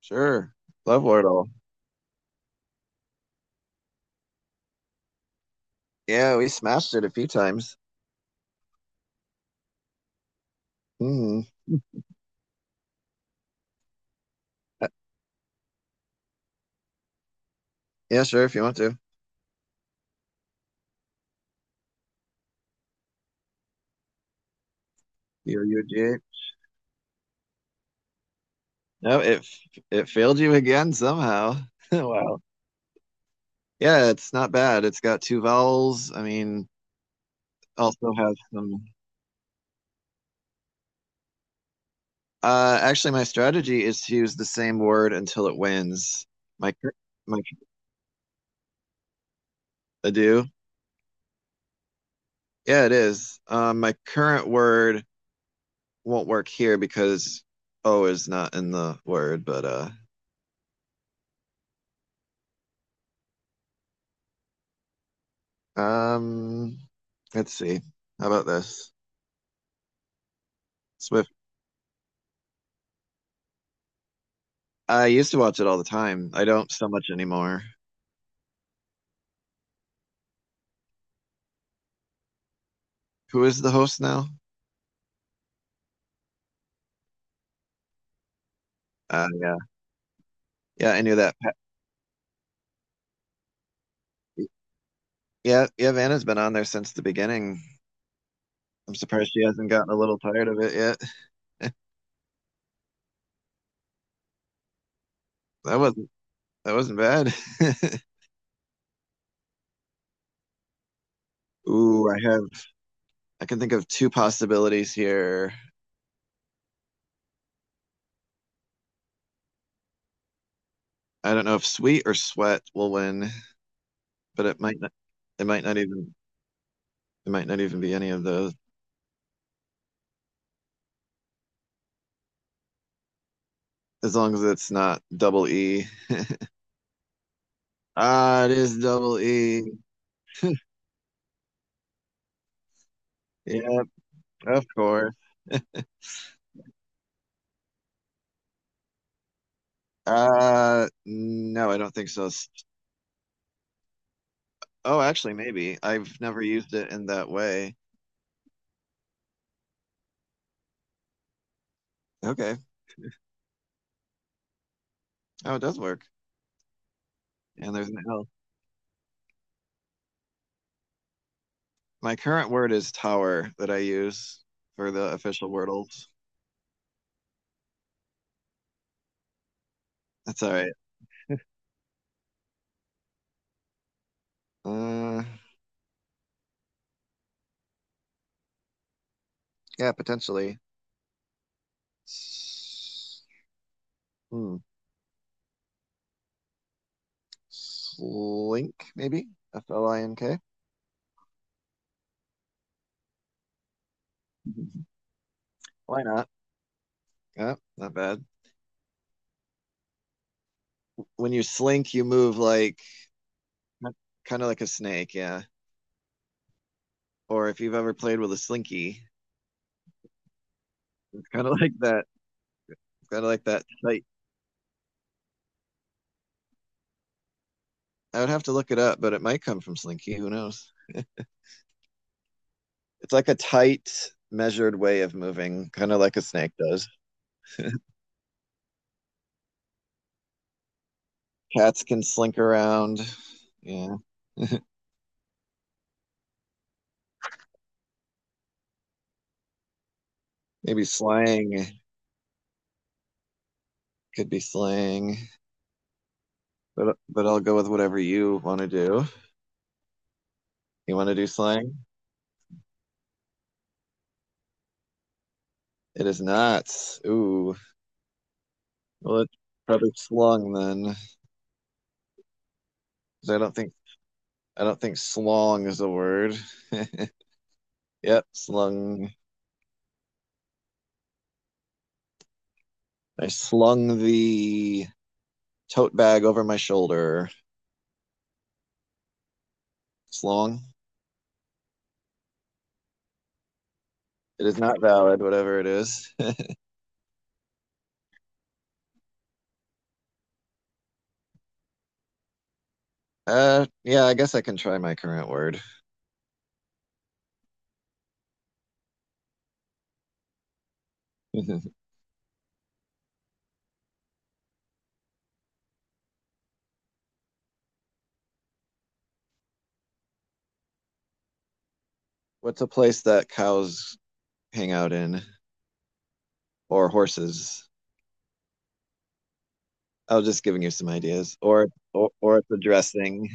Sure. Love Wordle. Yeah, we smashed it a few times. hmm Uh, Yeah, sure, if you want to. You're UG. No, it f- It failed you again somehow. Wow. Yeah, it's not bad. It's got two vowels. I mean, also has some. Actually, my strategy is to use the same word until it wins. My cur- my I do. Yeah, it is. My current word won't work here because O is not in the word, but. Um, let's see. How about this? Swift. I used to watch it all the time. I don't so much anymore. Who is the host now? Yeah. Yeah, I knew that. Yeah, yeah, Vanna's been on there since the beginning. I'm surprised she hasn't gotten a little tired of it yet. That wasn't that wasn't bad. Ooh, I can think of two possibilities here. I don't know if Sweet or Sweat will win, but it might not even it might not even be any of those. As long as it's not double E. Ah, it is double E. Yep, of course. No, I don't think so. Oh, actually, maybe. I've never used it in that way. Okay. Oh, it does work. And there's an L. My current word is tower that I use for the official Wordles. That's all right. Uh, yeah, potentially. S- Hmm. Slink, maybe? FLINK. Why not? Yeah, not bad. When you slink, you move like kind of like a snake, yeah. Or if you've ever played with a slinky, it's kind of like that. It's kind of like that tight. I would have to look it up, but it might come from slinky. Who knows? It's like a tight, measured way of moving, kind of like a snake does. Cats can slink around. Yeah, maybe slang could be slang, but I'll go with whatever you want to do. You want to do slang? It is not. Ooh, well, it's probably slung then, 'cause I don't think slong is the word. Yep, slung. I slung the tote bag over my shoulder. Slong. It is not valid, whatever it is. Yeah, I guess I can try my current word. What's a place that cows hang out in, or horses? I was just giving you some ideas, or or it's a dressing.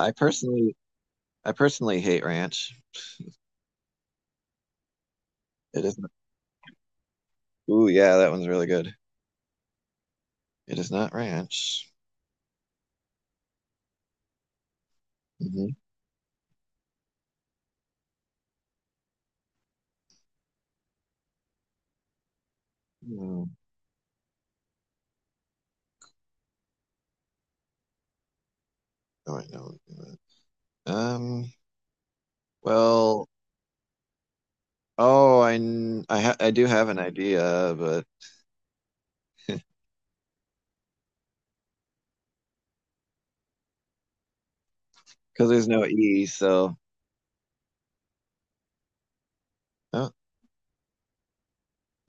I personally, I personally hate ranch. It is not. Ooh, yeah, that one's really good. It is not ranch. Mm-hmm. hmm All right, no. Um, well, oh, I kn- I ha I do have an idea, but because there's no E, so oh,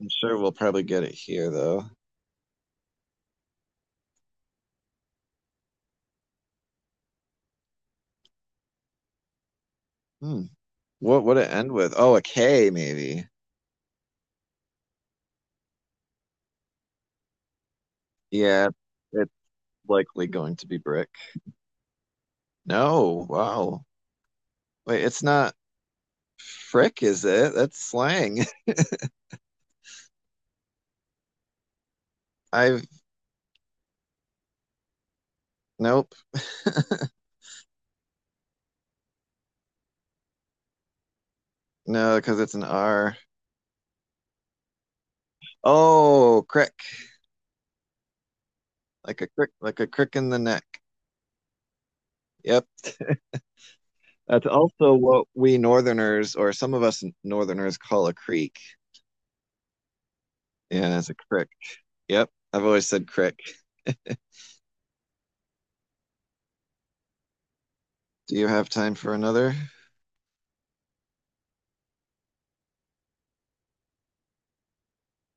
I'm sure we'll probably get it here though. Hmm. What would it end with? Oh, a K maybe. Yeah, it's likely going to be brick. No, wow. Wait, it's not frick, is it? That's slang. I've Nope. No, because it's an R. Oh, crick. Like a crick, like a crick in the neck. Yep. That's also what we Northerners, or some of us Northerners, call a creek. Yeah, it's a crick. Yep, I've always said crick. Do you have time for another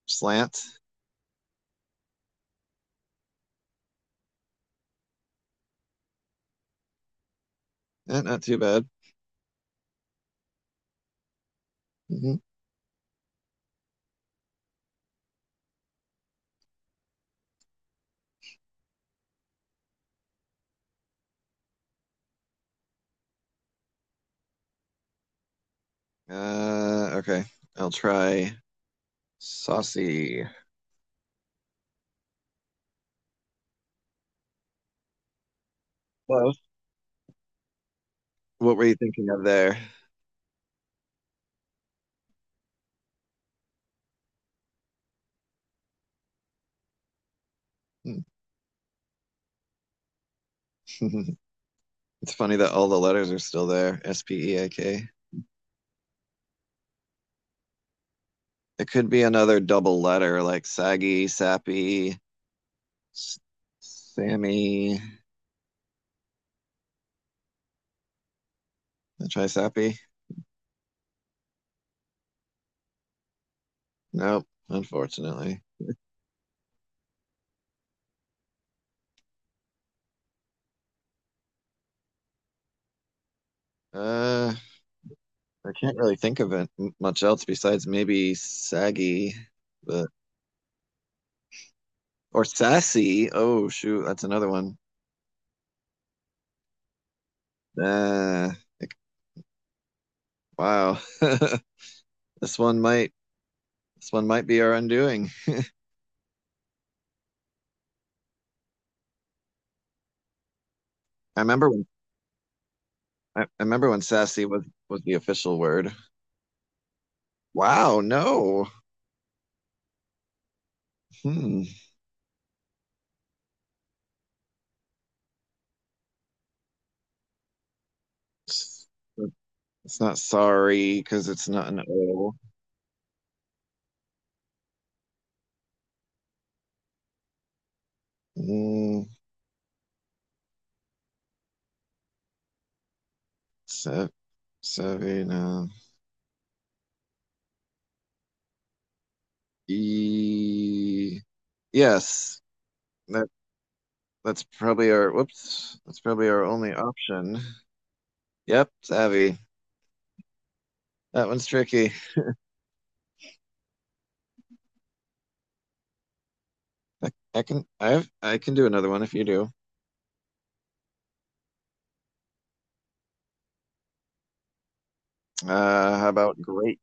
slant? Eh, not too bad. hmm okay, I'll try saucy. Well, what were you thinking of there? It's funny that all the letters are still there. SPEAK. It could be another double letter like saggy, sappy, s- Sammy. I'll try sappy. Nope, unfortunately. Uh, I can't really think of it much else besides maybe saggy, but or sassy. Oh shoot, that's another one. Uh, like, wow, this one might this one might be our undoing. I remember when I remember when sassy was the official word. Wow, hmm, it's, it's not sorry because it's not an O. Mm, sa Savvy, no. E Yes, that that's probably our whoops. That's probably our only option. Yep, it's Abby. That one's tricky. I, I can I can do another one if you do. How about great?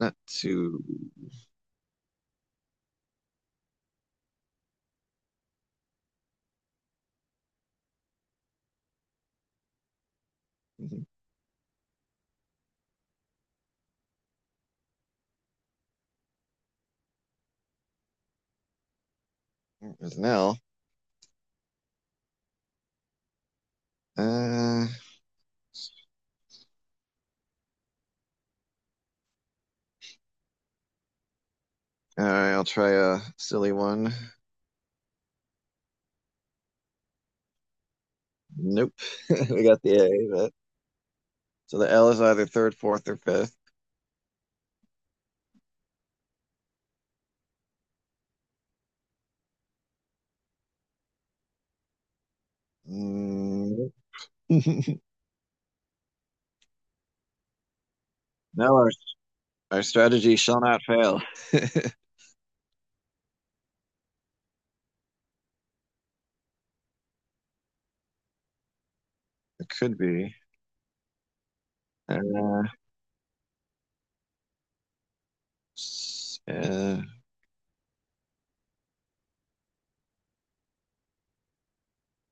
Not too. Is now. Uh, all right, I'll try a silly one. Nope, we got the A. But so the L is either third, fourth, or fifth. Mm. No, our strategy shall not fail. It could be. Uh, uh,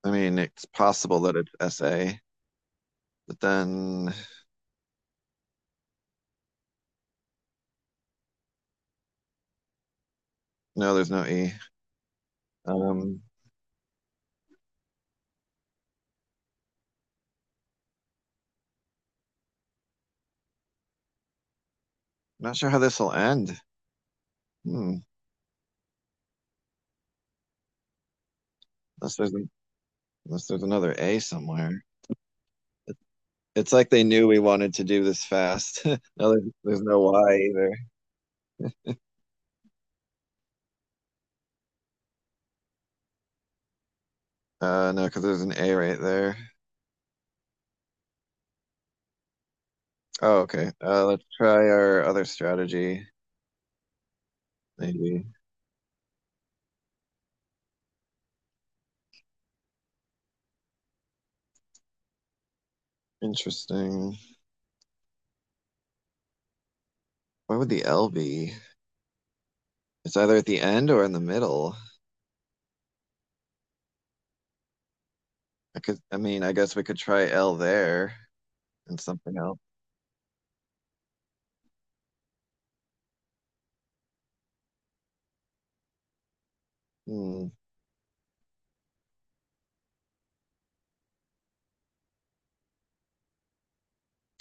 I mean, it's possible that it's SA, but then no, there's no E. Um, Not sure how this will end. Hmm, unless there's an, unless there's another A somewhere. It's like they knew we wanted to do this fast. No, there's no Y either. No, because there's an A right there. Oh, okay. Let's try our other strategy. Maybe. Interesting. Where would the L be? It's either at the end or in the middle. I mean, I guess we could try L there and something else. Hmm,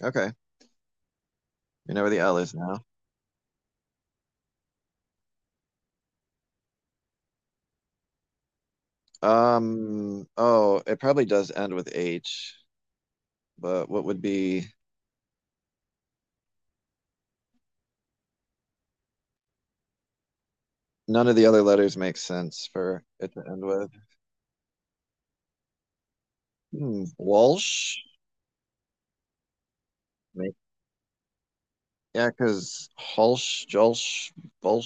okay. You know where the L is now. Oh, it probably does end with H, but what would be, none of the other letters make sense for it to end with. Hmm, Walsh? Make- Yeah, because Hulsh, Jolsh, Bolsh.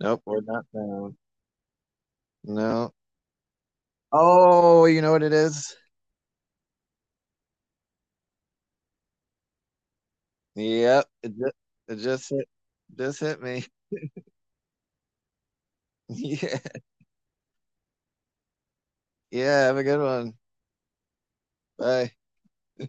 Nope, we're not down. No. Oh, you know what it is? Yep, it just, it just hit, just hit me. Yeah, yeah, have a good one. Bye.